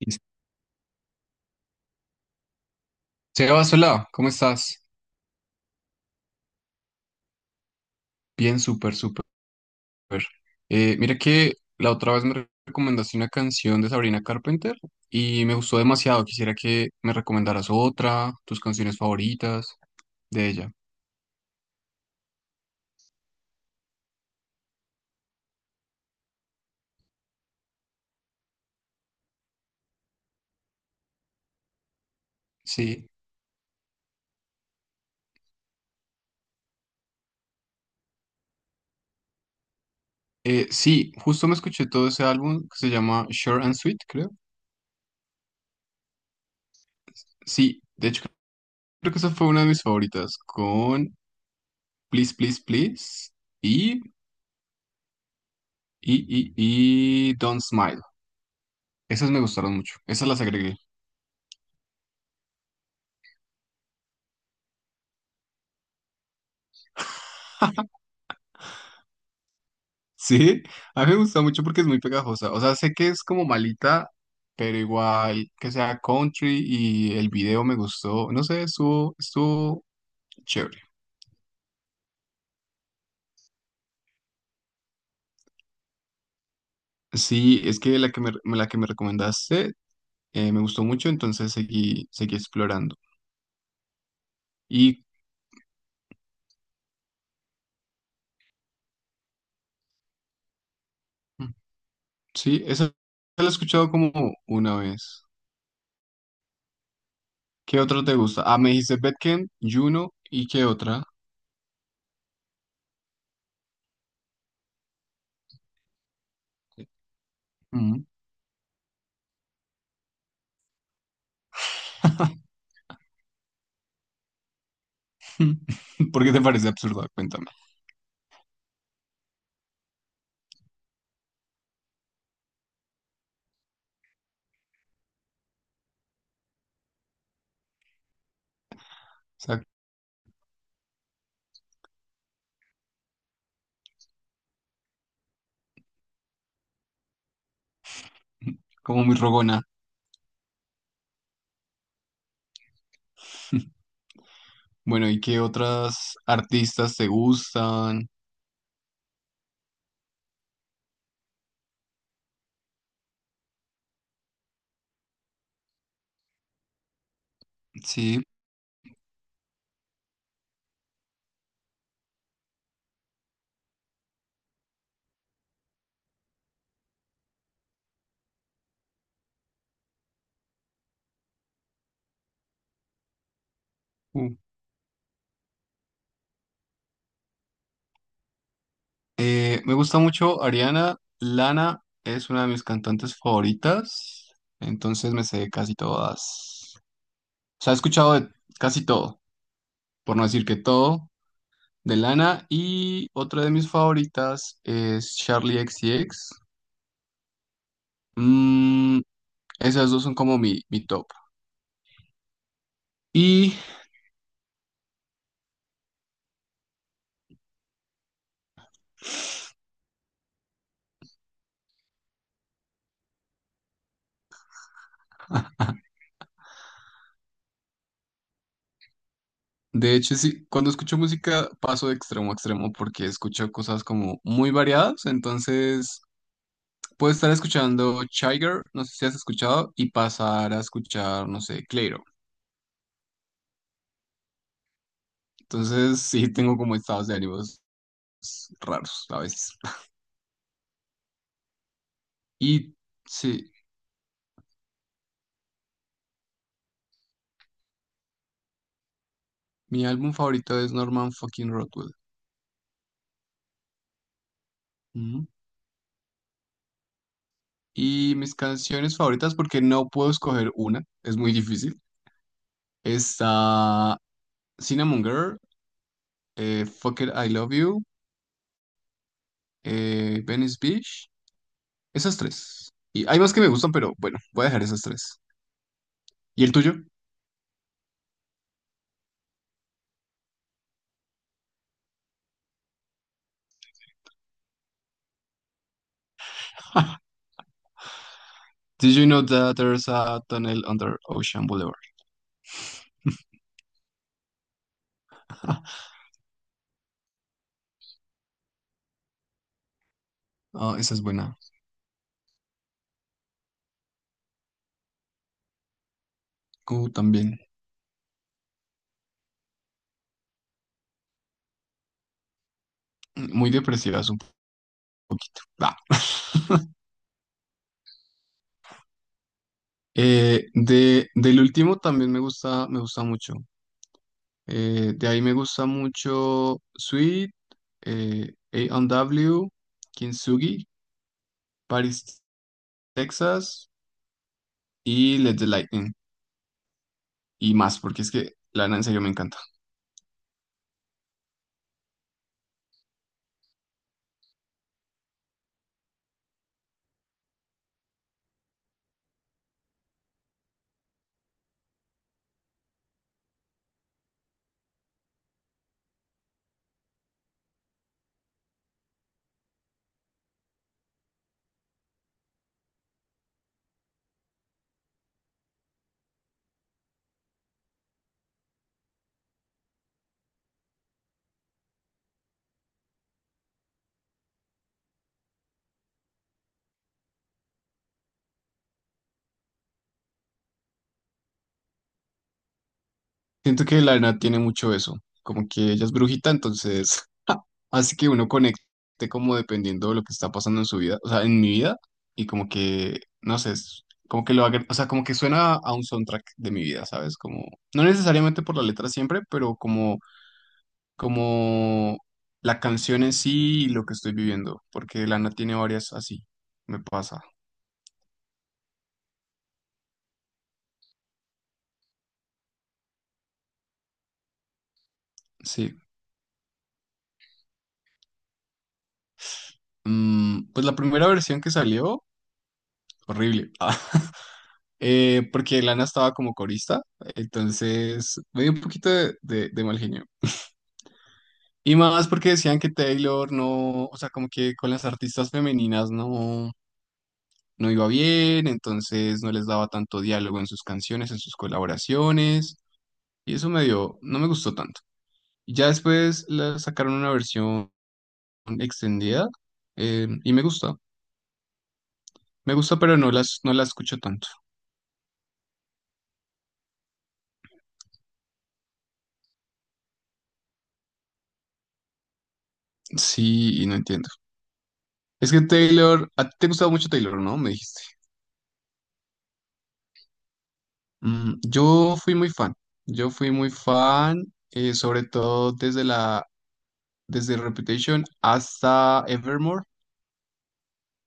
Listo. Sebas, hola, ¿cómo estás? Bien, súper, súper. Mira que la otra vez me recomendaste una canción de Sabrina Carpenter y me gustó demasiado. Quisiera que me recomendaras otra, tus canciones favoritas de ella. Sí, sí, justo me escuché todo ese álbum que se llama Short and Sweet, creo. Sí, de hecho creo que esa fue una de mis favoritas con Please, Please, Please y, y, y, y Don't Smile. Esas me gustaron mucho, esas las agregué. Sí, a mí me gusta mucho porque es muy pegajosa. O sea, sé que es como malita, pero igual que sea country y el video me gustó. No sé, estuvo chévere. Sí, es que la que me recomendaste me gustó mucho, entonces seguí explorando. Y mm, sí, esa la he escuchado como una vez. ¿Qué otra te gusta? Ah, me dijiste Bedkent, Juno y qué otra. Mm. ¿Por qué te parece absurdo? Cuéntame. O sea, como muy rogona. Bueno, ¿y qué otras artistas te gustan? Sí. uh, Me gusta mucho Ariana. Lana es una de mis cantantes favoritas. Entonces me sé casi todas. O sea, he escuchado de casi todo, por no decir que todo, de Lana. Y otra de mis favoritas es Charlie XCX. Mm, esas dos son como mi top. Y de hecho, sí, cuando escucho música paso de extremo a extremo porque escucho cosas como muy variadas. Entonces, puedo estar escuchando Chiger, no sé si has escuchado, y pasar a escuchar, no sé, Clairo. Entonces, sí, tengo como estados de ánimos raros a veces. Y sí, mi álbum favorito es Norman fucking Rockwell. Ujú. Y mis canciones favoritas, porque no puedo escoger una, es muy difícil. Está Cinnamon Girl, Fuck It, I Love You. Venice Beach, esas tres. Y hay más que me gustan, pero bueno, voy a dejar esas tres. ¿Y el tuyo? Did you know that there's a tunnel under Ocean Boulevard? Ah, esa es buena. Como también. Muy depresivas un poquito. Bah. Del último también me gusta mucho. De ahí me gusta mucho Sweet, A and W, Kintsugi, Paris, Texas y Let the Lightning. Y más, porque es que Lana en serio me encanta. Siento que la tiene mucho eso, como que ella es brujita, entonces así que uno conecte como dependiendo de lo que está pasando en su vida, o sea, en mi vida, y como que, no sé, es como que lo haga, o sea, como que suena a un soundtrack de mi vida, ¿sabes? Como, no necesariamente por la letra siempre, pero como, como la canción en sí y lo que estoy viviendo, porque Lana tiene varias así, me pasa, sí. Mm, pues la primera versión que salió, horrible. Porque Lana estaba como corista, entonces me dio un poquito de mal genio. Y más porque decían que Taylor no, o sea, como que con las artistas femeninas no, no iba bien, entonces no les daba tanto diálogo en sus canciones, en sus colaboraciones, y eso me dio, no me gustó tanto. Y ya después la sacaron una versión extendida, y me gusta, pero no la escucho tanto. Sí, y no entiendo. Es que Taylor, a ti te gustaba mucho Taylor, ¿no? Me dijiste. Mm, yo fui muy fan, eh, sobre todo desde Reputation hasta Evermore,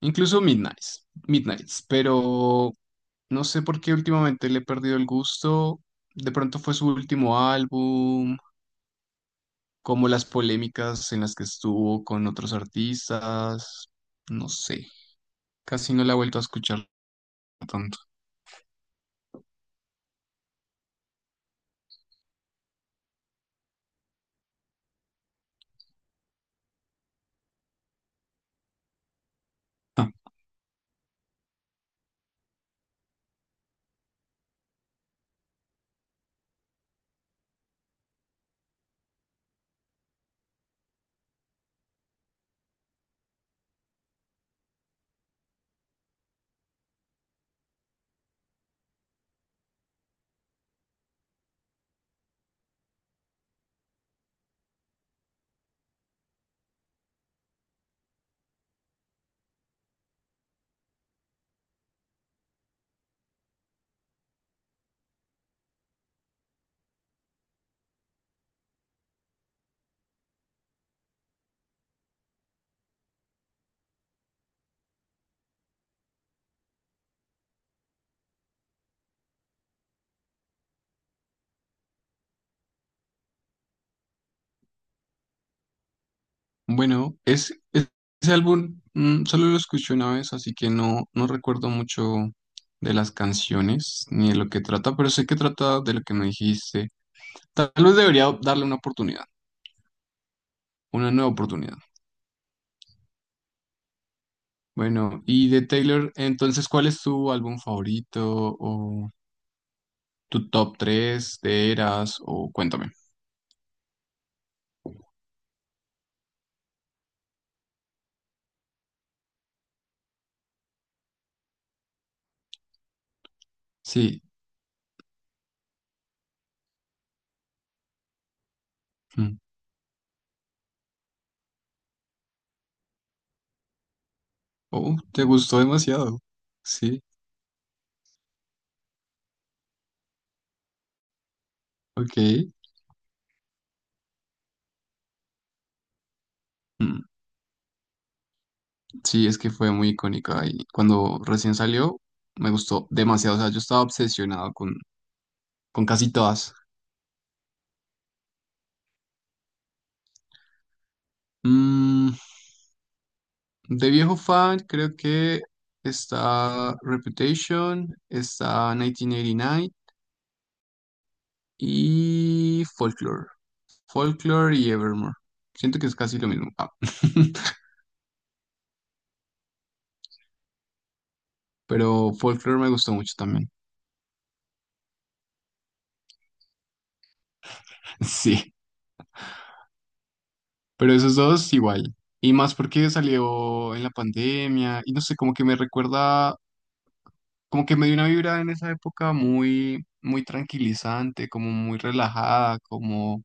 incluso Midnights, pero no sé por qué últimamente le he perdido el gusto. De pronto fue su último álbum, como las polémicas en las que estuvo con otros artistas, no sé, casi no la he vuelto a escuchar tanto. Bueno, es, es- Ese álbum solo lo escuché una vez, así que no recuerdo mucho de las canciones ni de lo que trata, pero sé que trata de lo que me dijiste. Tal vez debería darle una oportunidad, Una nueva oportunidad. Bueno, y de Taylor, entonces, ¿cuál es tu álbum favorito o tu top 3 de Eras? O cuéntame. Sí. Mm. Oh, te gustó demasiado. Sí, ok. Mm. Sí, es que fue muy icónica y cuando recién salió me gustó demasiado. O sea, yo estaba obsesionado con casi todas. Mm, de viejo fan, creo que está Reputation, está 1989 y Folklore. Folklore y Evermore. Siento que es casi lo mismo. Ah. Pero Folklore me gustó mucho también. Sí, pero esos dos igual. Y más porque salió en la pandemia y no sé, como que me recuerda como que me dio una vibra en esa época muy, muy tranquilizante, como muy relajada, como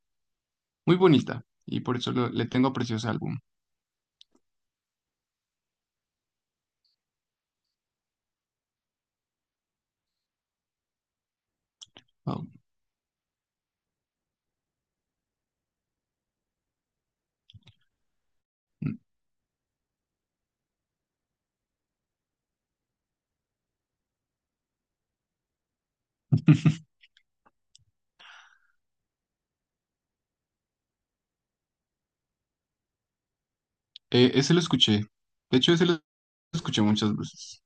muy bonita. Y por eso le tengo aprecio a ese álbum. Wow. Ese lo escuché. De hecho, ese lo escuché muchas veces.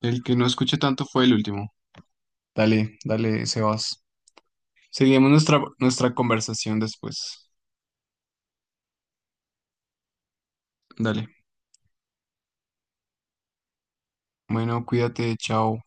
El que no escuché tanto fue el último. Dale, dale, Sebas. Seguimos nuestra conversación después. Dale. Bueno, cuídate, chao.